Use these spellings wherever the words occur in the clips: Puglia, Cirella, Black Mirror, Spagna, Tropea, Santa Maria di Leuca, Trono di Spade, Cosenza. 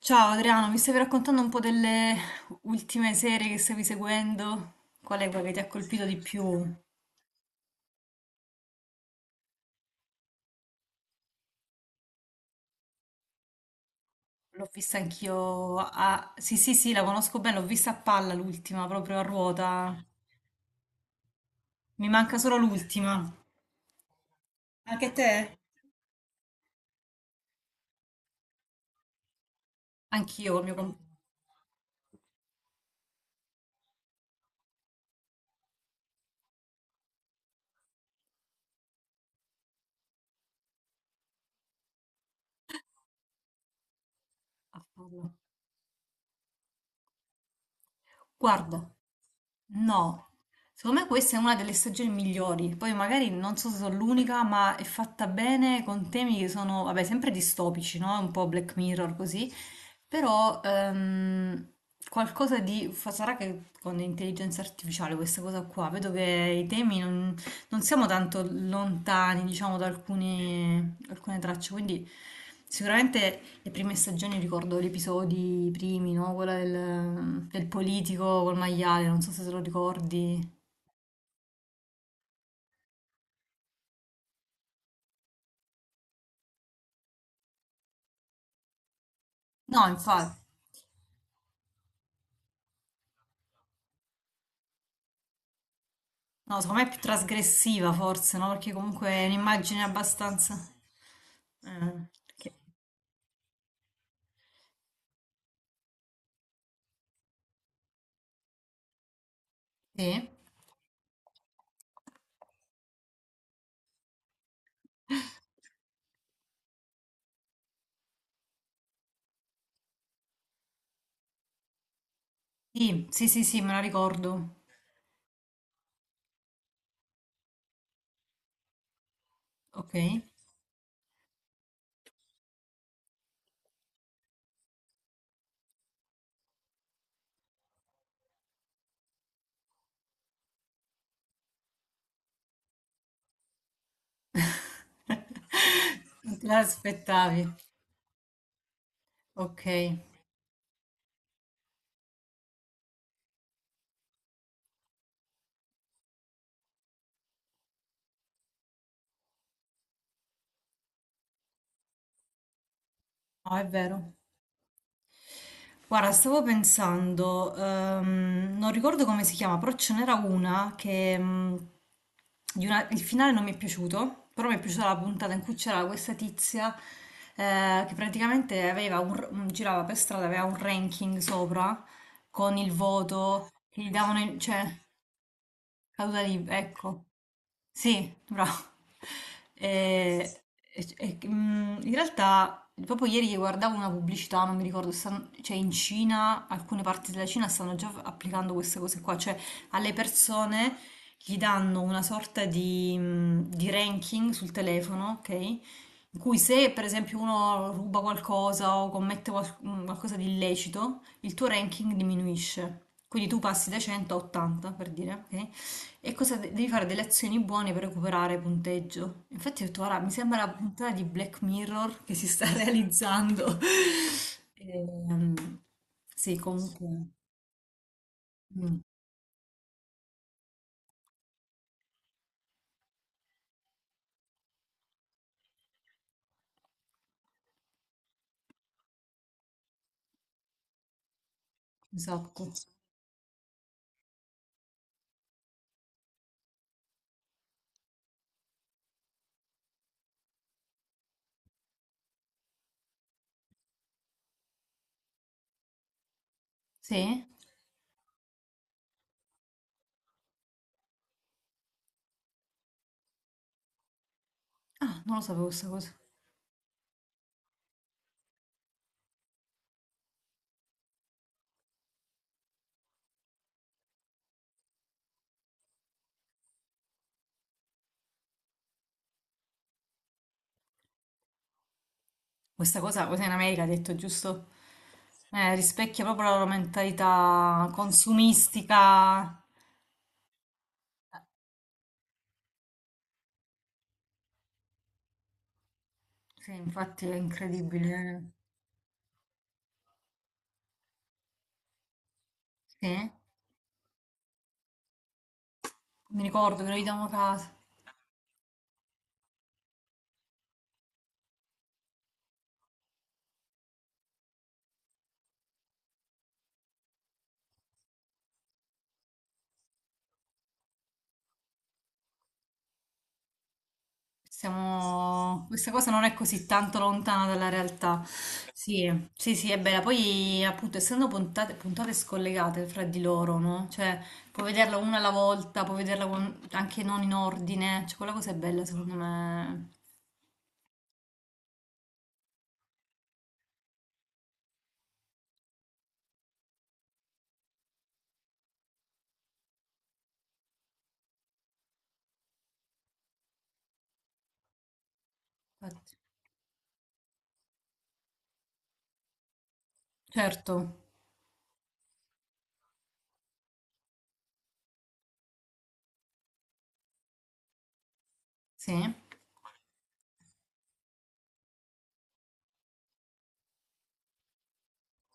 Ciao Adriano, mi stavi raccontando un po' delle ultime serie che stavi seguendo? Qual è quella che ti ha colpito di più? L'ho vista anch'io a... Sì, sì, sì, la conosco bene, l'ho vista a palla l'ultima, proprio a ruota. Mi manca solo l'ultima. Anche te? Anch'io, il mio compagno. Guarda, no, secondo me questa è una delle stagioni migliori. Poi magari non so se sono l'unica, ma è fatta bene con temi che sono, vabbè, sempre distopici, no? Un po' Black Mirror così, però qualcosa di... fa- Sarà che con l'intelligenza artificiale questa cosa qua, vedo che i temi non, non siamo tanto lontani, diciamo, da alcune tracce, quindi sicuramente le prime stagioni ricordo gli episodi primi, no? Quella del politico col maiale, non so se te lo ricordi. No, infatti, no, secondo me è più trasgressiva forse, no? Perché comunque è un'immagine abbastanza... eh, che- Sì. Sì, sì, sì, sì, me la ricordo. Ok. Non te l'aspettavi. Ok. No, è vero. Guarda, stavo pensando, non ricordo come si chiama, però ce n'era una che di una- il finale non mi è piaciuto, però mi è piaciuta la puntata in cui c'era questa tizia che praticamente aveva un r- un- girava per strada, aveva un ranking sopra con il voto che gli davano, in- cioè Causa libera, ecco. Sì, bravo. Eh, e- mm, in realtà, proprio ieri guardavo una pubblicità, non mi ricordo, stan- cioè in Cina, alcune parti della Cina stanno già applicando queste cose qua, cioè alle persone gli danno una sorta di, mm, di ranking sul telefono, ok? In cui se per esempio uno ruba qualcosa o commette qual- mm, qualcosa di illecito, il tuo ranking diminuisce. Quindi tu passi da 100 a 80, per dire, ok? E cosa de- devi fare delle azioni buone per recuperare punteggio. Infatti ho detto, guarda, mi sembra la puntata di Black Mirror che si sta realizzando. Ehm, sì, comunque, mm, esatto. Sì? Ah, non lo sapevo questa cosa. Questa cosa, cosa in America ha detto, giusto? Rispecchia proprio la loro mentalità consumistica. Sì, infatti è incredibile. Eh. Sì, mi ricordo che noi davamo casa. Siamo- Questa cosa non è così tanto lontana dalla realtà. Sì, sì, sì, è bella. Poi, appunto, essendo puntate, puntate scollegate fra di loro, no? Cioè, puoi vederla una alla volta, puoi vederla con- anche non in ordine. Cioè, quella cosa è bella, secondo me. Infatti. Certo, sì,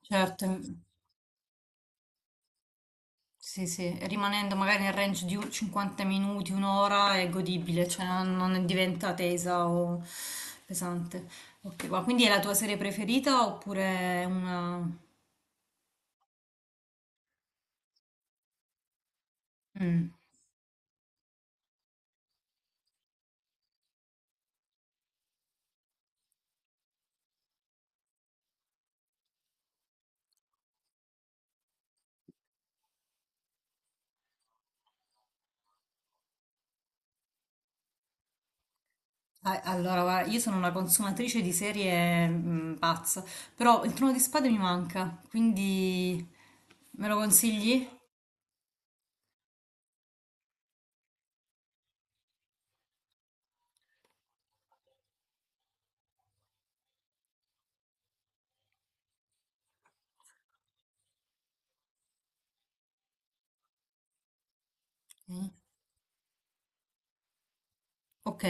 certo. Sì, sì, rimanendo magari nel range di un- 50 minuti, un'ora è godibile, cioè non, non diventa tesa o pesante. Ok, ma quindi è la tua serie preferita oppure è una... Mm. Ah, allora, guarda, io sono una consumatrice di serie mm, pazza, però il Trono di Spade mi manca, quindi me lo consigli? Mm. Ok,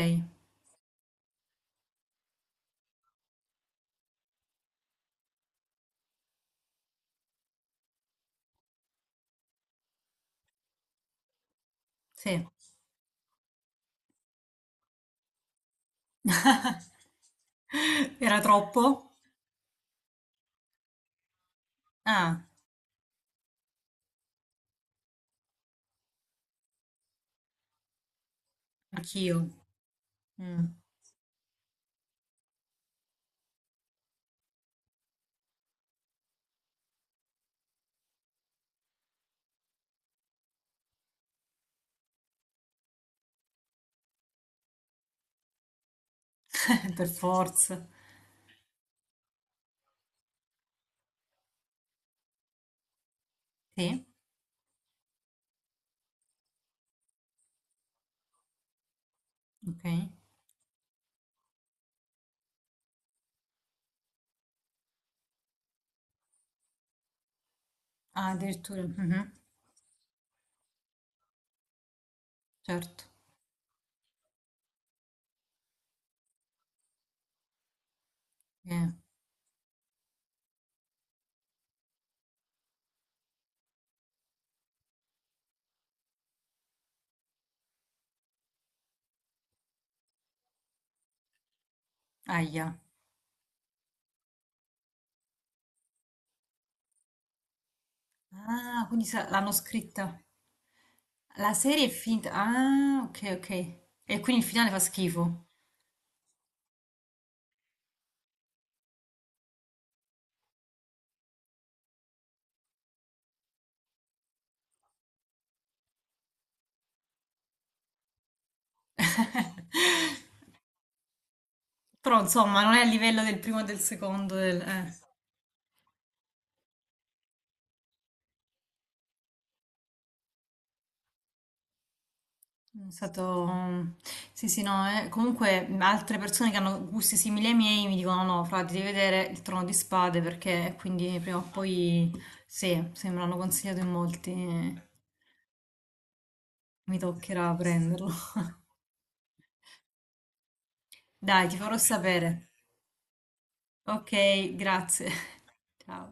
sì. Era troppo? Ah, anch'io. Mm. Per forza. Sì, ok. Ah, addirittura, mhm, certo. Eh, aia. Ah, quindi sa- l'hanno scritta. La serie è finta. Ah, ok, ok. E quindi il finale fa schifo. Però insomma, non è a livello del primo e del secondo. Del, eh. È stato... Sì, sì, no. Eh. Comunque altre persone che hanno gusti simili ai miei mi dicono no, fra, ti devi vedere il Trono di Spade perché quindi prima o poi... Sì, se me l'hanno consigliato in molti, mi toccherà prenderlo. Dai, ti farò sapere. Ok, grazie. Ciao.